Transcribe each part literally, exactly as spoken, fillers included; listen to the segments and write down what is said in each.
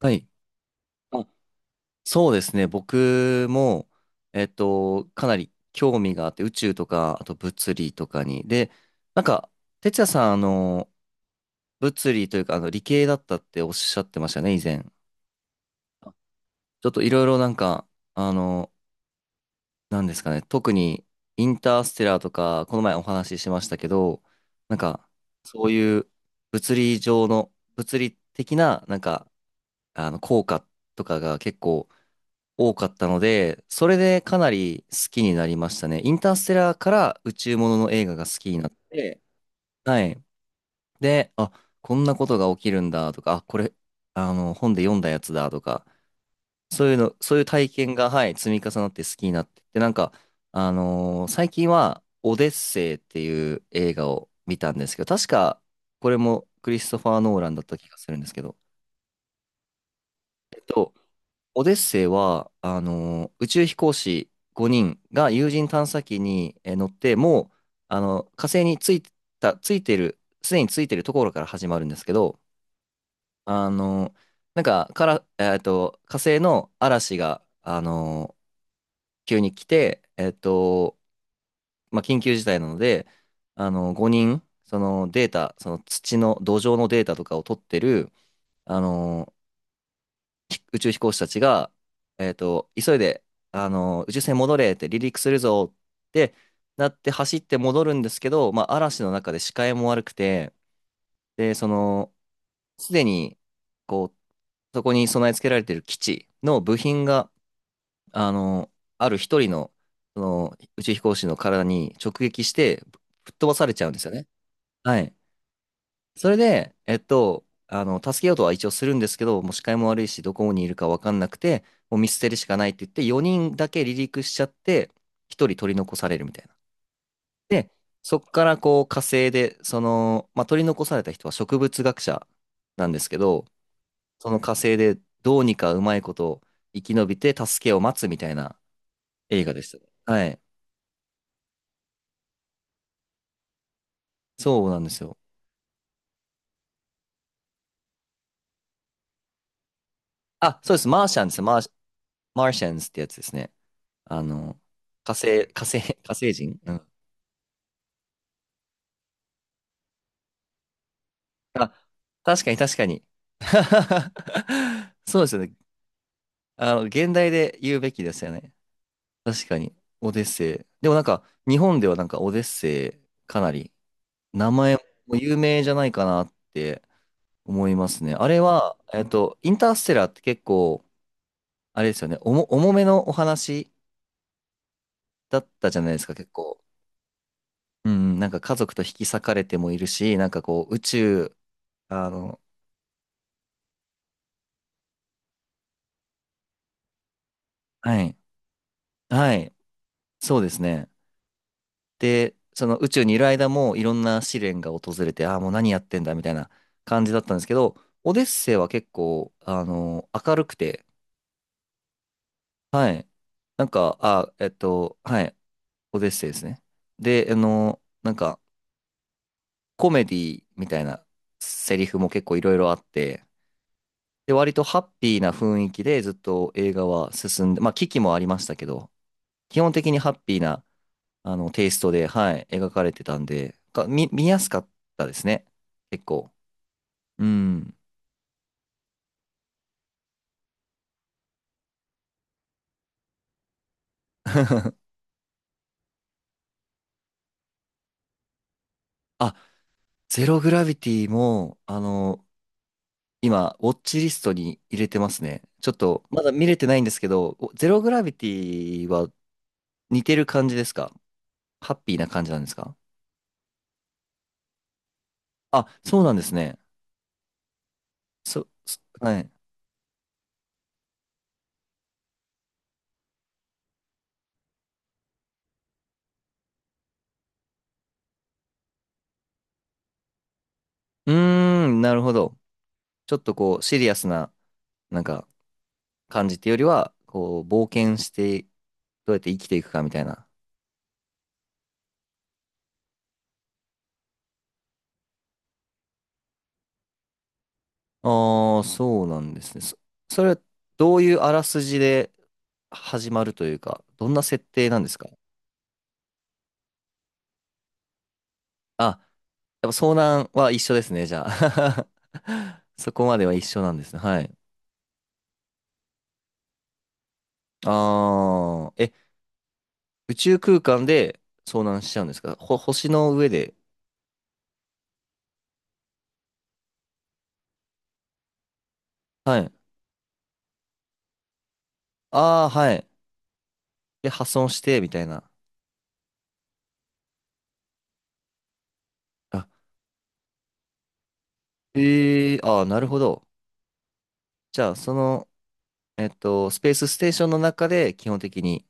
はい。あ、そうですね。僕も、えっと、かなり興味があって、宇宙とか、あと物理とかに。で、なんか、哲也さん、あの、物理というか、あの、理系だったっておっしゃってましたね、以前。あちょっといろいろなんか、あの、なんですかね、特に、インターステラーとか、この前お話ししましたけど、なんか、そういう物理上の、物理的な、なんか、あの、効果とかが結構、多かったので、それでかなり好きになりましたね。インターステラーから宇宙ものの映画が好きになって、はい。で、あ、こんなことが起きるんだとか、あ、これ、あの、本で読んだやつだとか、そういうの、そういう体験が、はい、積み重なって好きになって、で、なんか、あのー最近は、オデッセイっていう映画を見たんですけど、確か、これもクリストファー・ノーランだった気がするんですけど、えっと、オデッセイは、あの、宇宙飛行士ごにんが有人探査機にえー乗って、もう、あの、火星についた、ついてる、すでについてるところから始まるんですけど、あの、なんか、から、えっと、火星の嵐が、あの、急に来て、えっと、まあ、緊急事態なので、あの、ごにん、そのデータ、その土の、土壌のデータとかを取ってる、あの、宇宙飛行士たちが、えっと、急いで、あの、宇宙船戻れって離陸するぞってなって走って戻るんですけど、まあ、嵐の中で視界も悪くて、で、その、すでに、こう、そこに備え付けられている基地の部品が、あの、ある一人の、その、宇宙飛行士の体に直撃して、吹っ飛ばされちゃうんですよね。はい。それで、えっと、あの、助けようとは一応するんですけど、もう視界も悪いし、どこにいるか分かんなくて、もう見捨てるしかないって言って、よにんだけ離陸しちゃって、ひとり取り残されるみたいな。で、そっからこう火星で、その、まあ、取り残された人は植物学者なんですけど、その火星でどうにかうまいこと生き延びて助けを待つみたいな映画でした。はい。そうなんですよ。あ、そうです。マーシャンです。マーシ、マーシャンズってやつですね。あの、火星、火星、火星人。うんあ、確かに確かに。そうですよね。あの、現代で言うべきですよね。確かに。オデッセイ。でもなんか、日本ではなんかオデッセイ、かなり、名前も有名じゃないかなって思いますね。あれは、えっと、インターステラーって結構、あれですよね、重重めのお話だったじゃないですか、結構。うん、なんか家族と引き裂かれてもいるし、なんかこう、宇宙、あの、はい、はい、そうですね。で、その宇宙にいる間もいろんな試練が訪れて、ああ、もう何やってんだみたいな感じだったんですけど、オデッセイは結構、あの、明るくて、はい。なんか、あ、えっと、はい、オデッセイですね。で、あの、なんか、コメディみたいなセリフも結構いろいろあって、で、割とハッピーな雰囲気でずっと映画は進んで、まあ、危機もありましたけど、基本的にハッピーなあの、テイストで、はい、描かれてたんで、か、見、見やすかったですね。結構。うん。あ、ゼログラビティも、あの、今、ウォッチリストに入れてますね。ちょっと、まだ見れてないんですけど、おゼログラビティは似てる感じですか？ハッピーな感じなんですか？あ、そうなんですね。そ、そはい。うーん、なるほど。ちょっとこう、シリアスな、なんか、感じっていうよりは、こう、冒険して、どうやって生きていくかみたいな。ああ、そうなんですね。そ、それはどういうあらすじで始まるというか、どんな設定なんですか？あ、やっぱ遭難は一緒ですね、じゃあ。そこまでは一緒なんですね。はい。ああ、え、宇宙空間で遭難しちゃうんですか？ほ、星の上で。はい。ああ、はい。で、破損して、みたいな。あ、ええああ、なるほど。じゃあ、その、えっと、スペースステーションの中で基本的に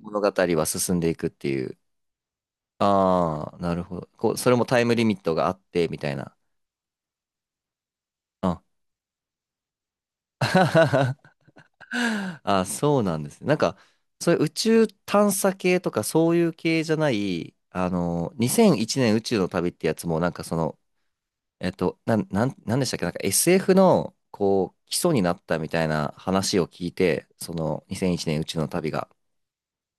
物語は進んでいくっていう。ああ、なるほど。こう、それもタイムリミットがあって、みたいな。あ あ、そうなんですね。なんか、そういう宇宙探査系とかそういう系じゃない、あの、にせんいちねん宇宙の旅ってやつも、なんかその、えっと、なん、なん、なんでしたっけ？なんか エスエフ の、こう、基礎になったみたいな話を聞いて、そのにせんいちねん宇宙の旅が。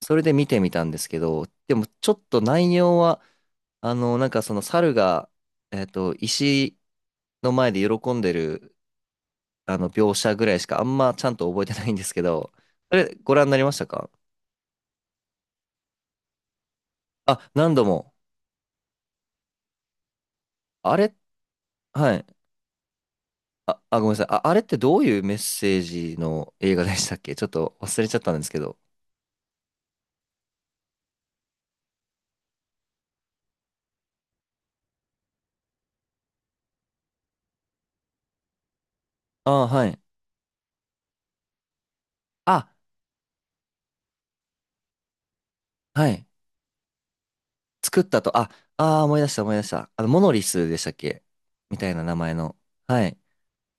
それで見てみたんですけど、でもちょっと内容は、あの、なんかその猿が、えっと、石の前で喜んでる、あの、描写ぐらいしかあんまちゃんと覚えてないんですけど、あれ、ご覧になりましたか？あ、何度も。あれ、はい。あ、あ、ごめんなさい。あ、あれってどういうメッセージの映画でしたっけ？ちょっと忘れちゃったんですけど。あ、はい。あ、はい。作ったと、あ、あー、思い出した思い出した。あの、モノリスでしたっけ？みたいな名前の。はい。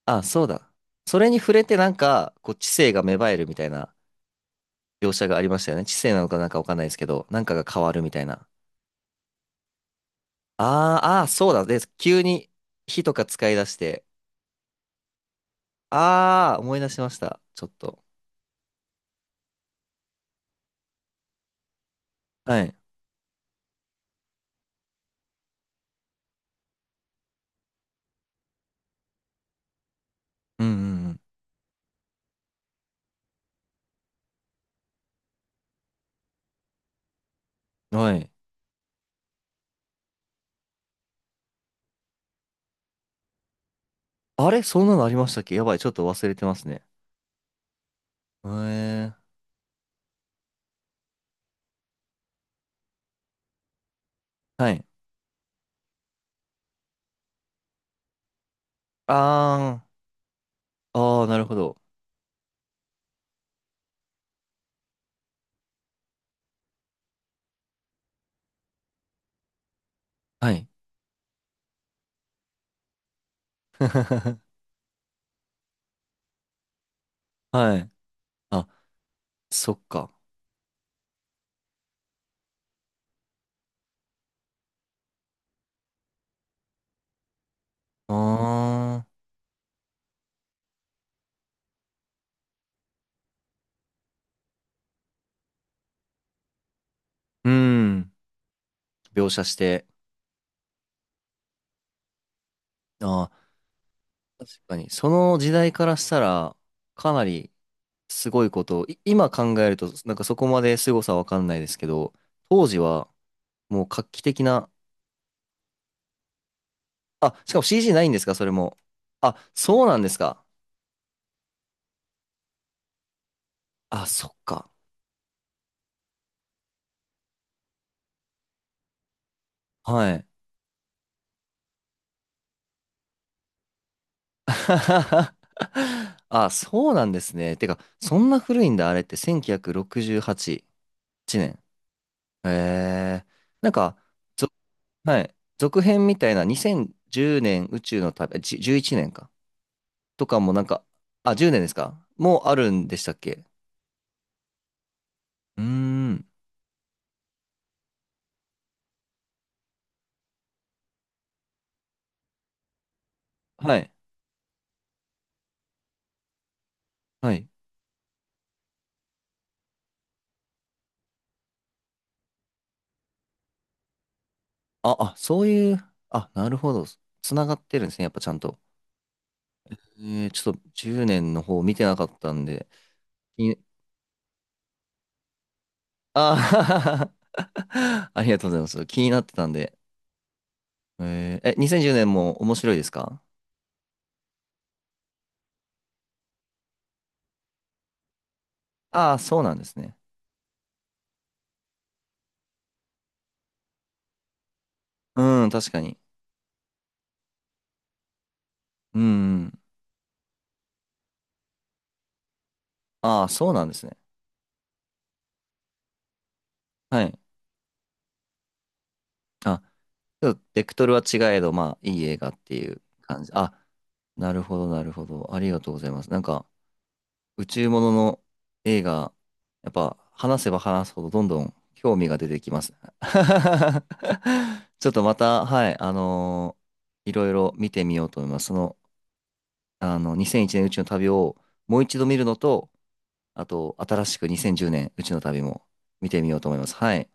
あ、そうだ。それに触れてなんか、こう、知性が芽生えるみたいな。描写がありましたよね。知性なのかなんかわかんないですけど、なんかが変わるみたいな。あー、あー、そうだ。で、急に火とか使い出して、あー、思い出しました。ちょっと。はい。うんうんうん。はい。あれそんなのありましたっけ？やばい。ちょっと忘れてますね。へえー。はい。あー、あー、なるほど。はい。はい。あ、そっか。あー、うん。描写して。あー、確かに、その時代からしたら、かなりすごいことを、い今考えると、なんかそこまですごさはわかんないですけど、当時はもう画期的な、あ、しかも シージー ないんですか、それも。あ、そうなんですか。あ、そっか。はい。あ、そうなんですね。てか、そんな古いんだ、あれってせんきゅうひゃくろくじゅうはちねん。へえー。なんか、ぞはい。続編みたいなにせんじゅうねん宇宙の旅、じじゅういちねんか。とかもなんか、あ、じゅうねんですか？もうあるんでしたっけ？うーん。はい。はい。あ、あ、そういう、あ、なるほど。つながってるんですね。やっぱちゃんと。えー、ちょっとじゅうねんの方見てなかったんで。いあー ありがとうございます。気になってたんで。えーえ、にせんじゅうねんも面白いですか？ああー、そうなんですね。うん、確かに。うん。ああ、そうなんですね。はい。あ、ちょっとベクトルは違えど、まあ、いい映画っていう感じ。あ、なるほど、なるほど。ありがとうございます。なんか、宇宙ものの映画、やっぱ、話せば話すほどどんどん興味が出てきます。ちょっとまた、はい、あのーいろいろ見てみようと思います。その、あの、にせんいちねん宇宙の旅をもう一度見るのと、あと、新しくにせんじゅうねん宇宙の旅も見てみようと思います。はい。